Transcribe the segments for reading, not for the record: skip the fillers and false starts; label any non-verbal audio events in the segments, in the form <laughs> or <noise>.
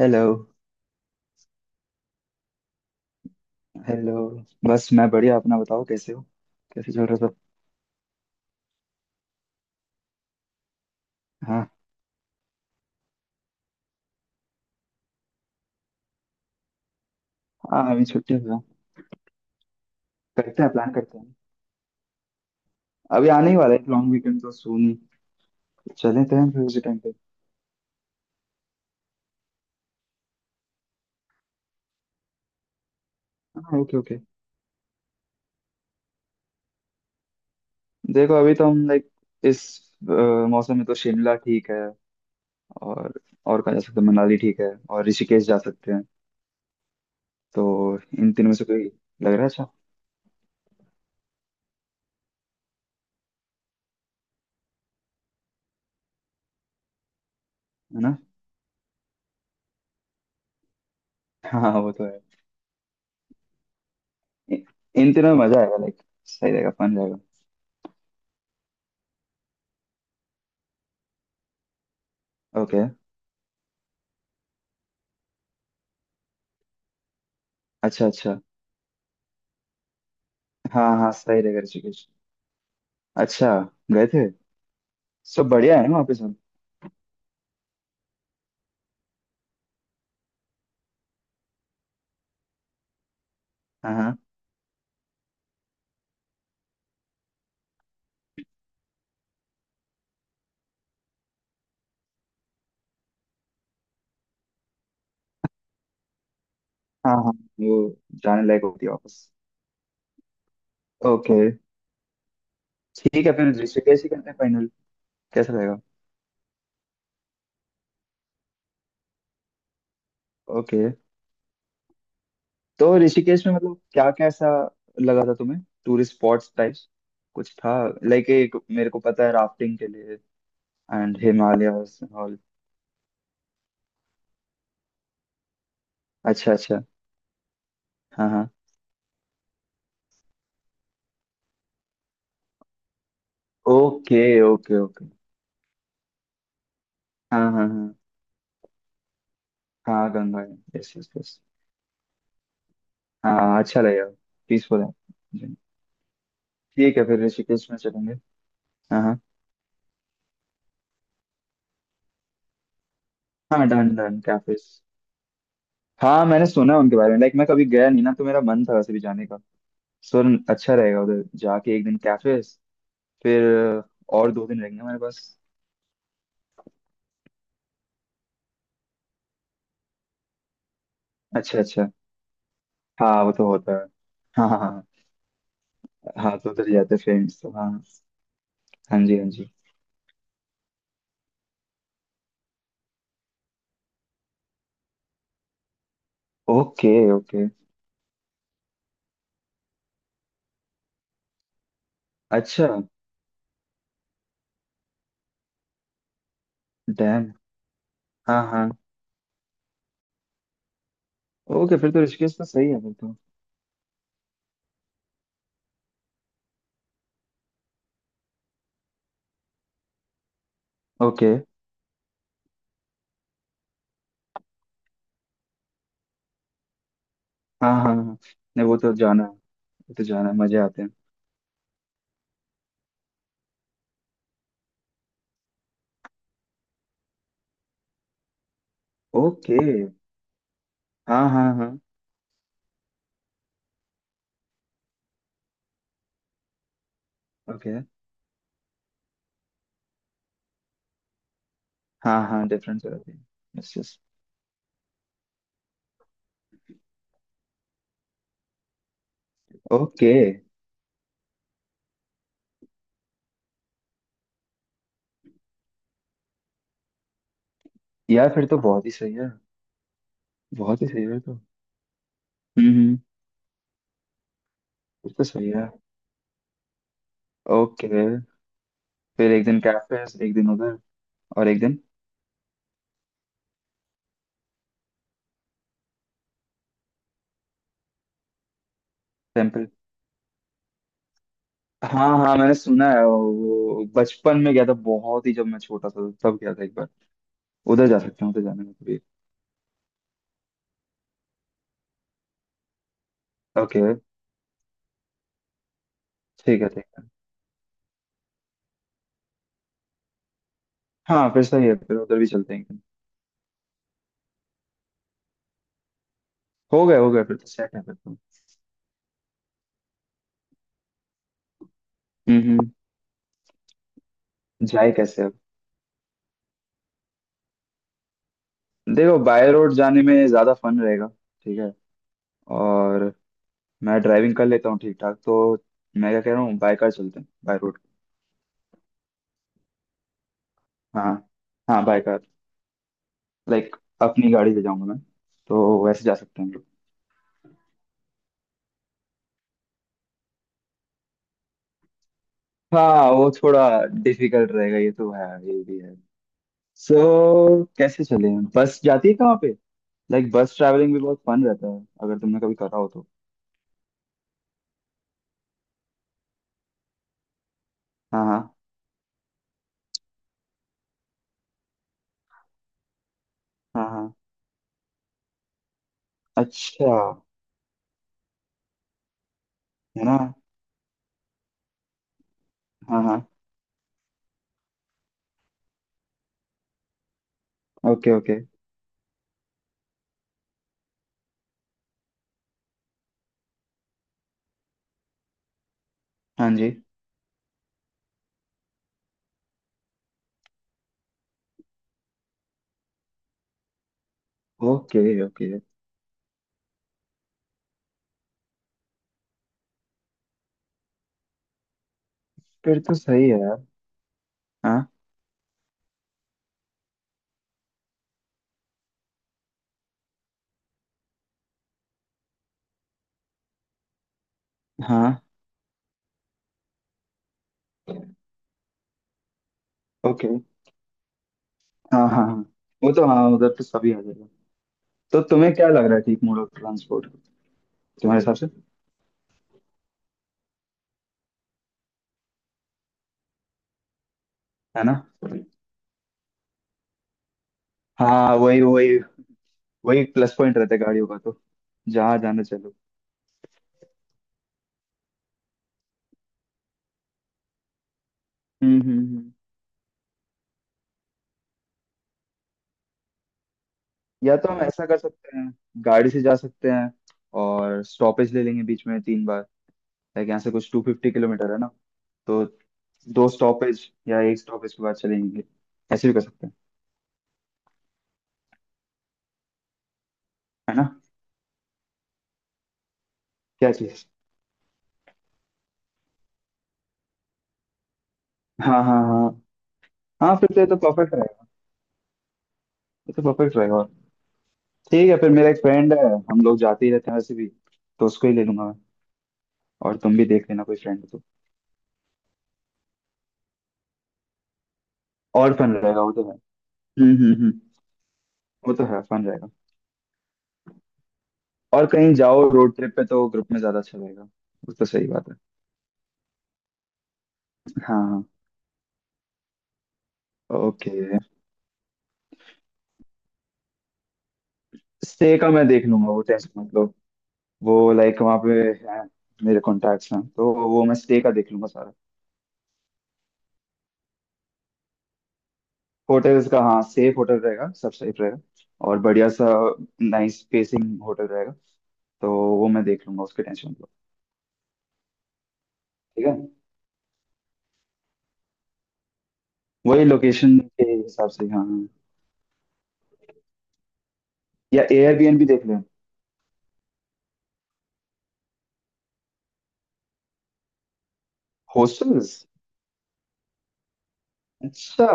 Hello. Hello. बस मैं बढ़िया, अपना बताओ, कैसे हो? कैसे चल रहा सब? हाँ, हाँ अभी छुट्टी हुआ। करते हैं, प्लान करते हैं। अभी आने ही वाला है लॉन्ग वीकेंड, तो सुन। चले थे हम फिर उसी टाइम पे। हाँ। Okay, okay. देखो, अभी तो हम लाइक इस अ, मौसम में तो शिमला ठीक है। और और कहाँ जा सकते हैं? मनाली ठीक है और ऋषिकेश जा सकते हैं। तो इन तीनों में से कोई लग रहा है अच्छा? है ना। हाँ वो तो है। इ- इन तीनों में मजा आएगा लाइक, सही रहेगा, फन रहेगा। ओके। अच्छा, अच्छा। हाँ, हाँ, सही रहेगा ऋषिकेश। अच्छा, गए थे। सब बढ़िया है ना वापस सब? हाँ, हाँ, हाँ, हाँ, वो जाने लायक होती है वापस। ओके। ठीक है फिर, ऋषिकेश ही करते हैं फाइनल। कैसा रहेगा? ओके। तो ऋषिकेश में मतलब क्या कैसा लगा था तुम्हें? टूरिस्ट स्पॉट्स टाइप्स कुछ था? लाइक, एक मेरे को पता है राफ्टिंग के लिए एंड हिमालयस ऑल। अच्छा, अच्छा। हाँ, हाँ। Okay, okay, okay. हाँ, हाँ, हाँ, हाँ, गंगा है, यस यस यस। हाँ, अच्छा लगेगा। पीसफुल है जी। ठीक है फिर, ऋषिकेश में चलेंगे। हाँ, हाँ, हाँ, डन डन कैफेज। हाँ मैंने सुना है उनके बारे में लाइक, मैं कभी गया नहीं ना, तो मेरा मन था वैसे भी जाने का। सो, अच्छा रहेगा उधर जाके एक दिन कैफेज, फिर और दो दिन रहेंगे हमारे पास। अच्छा, अच्छा। हाँ वो तो होता है। हाँ, हाँ, हाँ, हाँ तो उधर ही जाते फ्रेंड्स तो, हाँ। हाँ जी, हाँ जी। Okay, okay. अच्छा। डैम। हाँ, हाँ। ओके, फिर तो ऋषिकेश तो सही है फिर तो। ओके। हाँ, हाँ, हाँ, नहीं वो तो जाना है वो तो जाना है, मजे आते हैं। ओके। हाँ, हाँ, हाँ। ओके। हाँ, हाँ, डिफरेंस हो जाती है। Yes yes. ओके। यार फिर तो बहुत ही सही है, बहुत ही सही है तो। हम्म, फिर तो सही है। ओके। फिर एक दिन कैफेस, एक दिन उधर, और एक दिन टेम्पल। हाँ, हाँ, मैंने सुना है वो। वो बचपन में गया था, बहुत ही जब मैं छोटा था तब गया था एक बार। उधर जा सकते हैं, उधर जाने में कभी। ओके। ठीक है, ठीक है। हाँ, फिर सही है, फिर उधर भी चलते हैं एक दिन। हो गए, हो गए, फिर तो सेट है फिर तो। हम्म, हम्म। जाए कैसे अब? देखो, बाय रोड जाने में ज्यादा फन रहेगा। ठीक है। और मैं ड्राइविंग कर लेता हूँ ठीक ठाक तो। मैं क्या कह रहा हूँ, बाय कार चलते हैं, बाय रोड। हाँ। हाँ, बाय कार। लाइक, अपनी गाड़ी से जाऊंगा मैं, तो वैसे जा सकते हैं हम लोग। हाँ, वो थोड़ा डिफिकल्ट रहेगा, ये तो है, ये भी है। सो, कैसे चले? बस जाती है कहाँ पे? लाइक, बस ट्रैवलिंग भी बहुत फन रहता है अगर तुमने कभी करा हो तो। हाँ, हाँ, हाँ, हाँ। अच्छा। है ना? हाँ, हाँ। Okay, okay. हाँ जी। ओके, ओके, फिर तो सही है यार। हाँ, हाँ। ओके। हाँ, हाँ, हाँ, वो तो हाँ, उधर तो सभी आ जाएगा। तो तुम्हें क्या लग रहा है ठीक मोड ऑफ ट्रांसपोर्ट तुम्हारे हिसाब से? है ना। हाँ, वही वही। वही प्लस पॉइंट रहता है गाड़ियों का तो, जहाँ जाना चलो। हम्म, हम्म, या तो हम ऐसा कर सकते हैं, गाड़ी से जा सकते हैं और स्टॉपेज ले लेंगे बीच में तीन बार। लाइक, यहाँ से कुछ 250 किलोमीटर है ना, तो दो स्टॉपेज या एक स्टॉपेज के बाद चलेंगे, ऐसे भी कर सकते हैं। है ना? क्या चीज? हाँ, हाँ, हाँ, हाँ, फिर तो ये तो परफेक्ट रहेगा, ये तो परफेक्ट रहेगा। ठीक है फिर, मेरा एक फ्रेंड है, हम लोग जाते ही रहते हैं वैसे भी, तो उसको ही ले लूंगा मैं। और तुम भी देख लेना कोई फ्रेंड हो तो। और फन रहेगा, वो तो है। हम्म, हम्म, हम्म। वो तो है, फन रहेगा। और कहीं जाओ रोड ट्रिप पे तो ग्रुप में ज्यादा अच्छा रहेगा, वो तो सही बात है। हाँ। ओके। स्टे का मैं देख लूंगा, वो टेंशन मत लो। वो लाइक वहाँ पे है, मेरे कॉन्टैक्ट्स हैं, तो वो मैं स्टे का देख लूंगा सारा। होटल्स का हाँ, सेफ होटल रहेगा, सब सेफ रहेगा। और बढ़िया सा, नाइस स्पेसिंग होटल रहेगा तो। वो मैं देख लूंगा, उसकी टेंशन मत लो। ठीक है, वही लोकेशन के हिसाब से, हाँ हाँ। या एयरबीएनबी देख लें? हॉस्टल्स। अच्छा।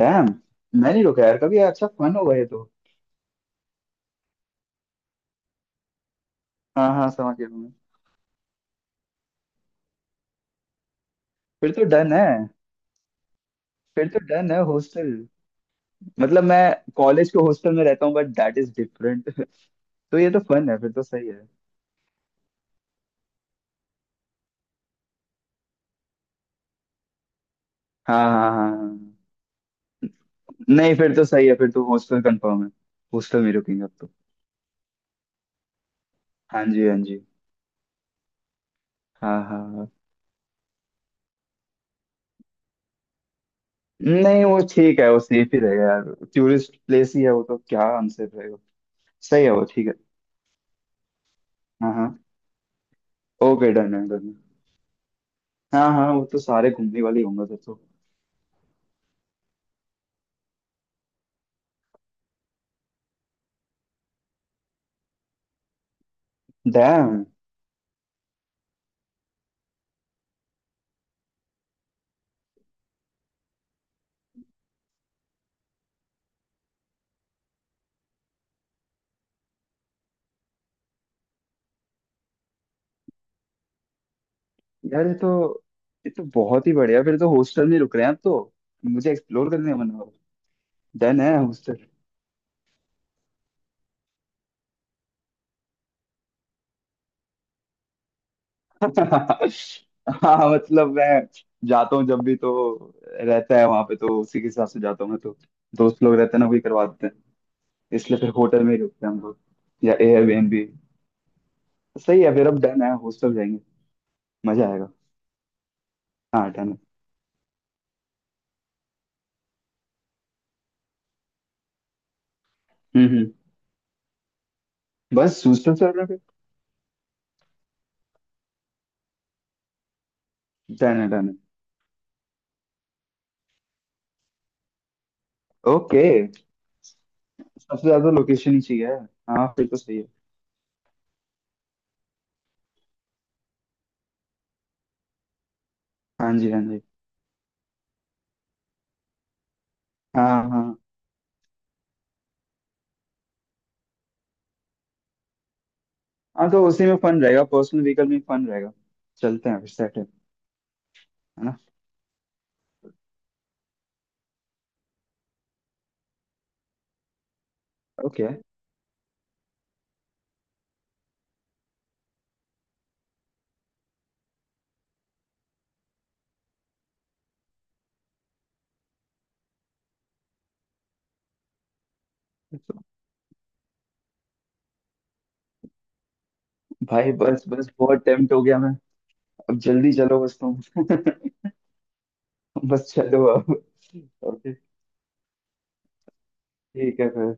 डैम, मैं नहीं रुका यार कभी, अच्छा फन होगा ये तो। हाँ, हाँ समझ गया मैं। फिर तो डन है, फिर तो डन है हॉस्टल। मतलब मैं कॉलेज के हॉस्टल में रहता हूँ बट दैट इज डिफरेंट। <laughs> तो ये तो फन है, फिर तो सही है। हाँ, हाँ, हाँ, हाँ। नहीं फिर तो सही है फिर तो, हॉस्टल कंफर्म है। हॉस्टल में रुकेंगे अब तो। हाँ जी, हाँ जी। हाँ, हाँ, हाँ। नहीं वो ठीक है, वो सेफ ही रहेगा यार। टूरिस्ट प्लेस ही है वो तो, क्या आंसर रहेगा। सही है, वो ठीक है। हाँ, हाँ। ओके, डन है डन। हाँ, हाँ, वो तो सारे घूमने वाले ही होंगे फिर तो। डैम यार, ये तो बहुत ही बढ़िया, फिर तो हॉस्टल में रुक रहे हैं आप तो। मुझे एक्सप्लोर करने का मन हो। डन है हॉस्टल। <laughs> हाँ मतलब मैं जाता हूँ जब भी तो, रहता है वहां पे तो उसी के हिसाब से जाता हूँ मैं तो। दोस्त लोग रहते हैं ना, वही करवा देते हैं, इसलिए फिर होटल में ही रुकते हैं हम लोग, या एयरबीएनबी। सही है फिर, अब डन है, हॉस्टल जाएंगे, मजा आएगा। हाँ, डन है। हम्म, हम्म, बस हॉस्टल चल रहा है। डन है, डन है। ओके। सबसे ज्यादा लोकेशन ही चाहिए। हाँ, फिर तो सही है। हाँ जी, हाँ जी। हाँ, हाँ, हाँ, तो उसी में फन रहेगा, पर्सनल व्हीकल में फन रहेगा। चलते हैं फिर, सेट है। है ना। ओके। भाई बस, बस बहुत टेम्प्ट हो गया मैं। अब जल्दी चलो बस तुम। <laughs> बस चलो अब। ओके, ठीक है फिर।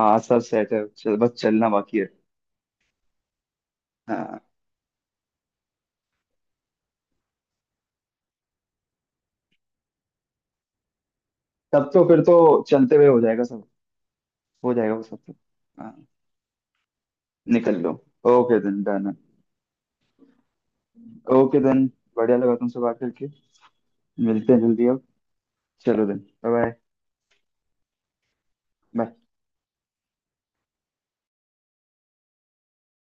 हाँ, सब सेट है, चल, बस चलना बाकी है। हाँ, तब तो फिर तो चलते हुए हो जाएगा सब, हो जाएगा वो सब तो। हाँ, निकल लो। Okay then, done. Okay then, बढ़िया लगा तुमसे बात करके। मिलते हैं जल्दी अब। चलो देन, बाय। बाय।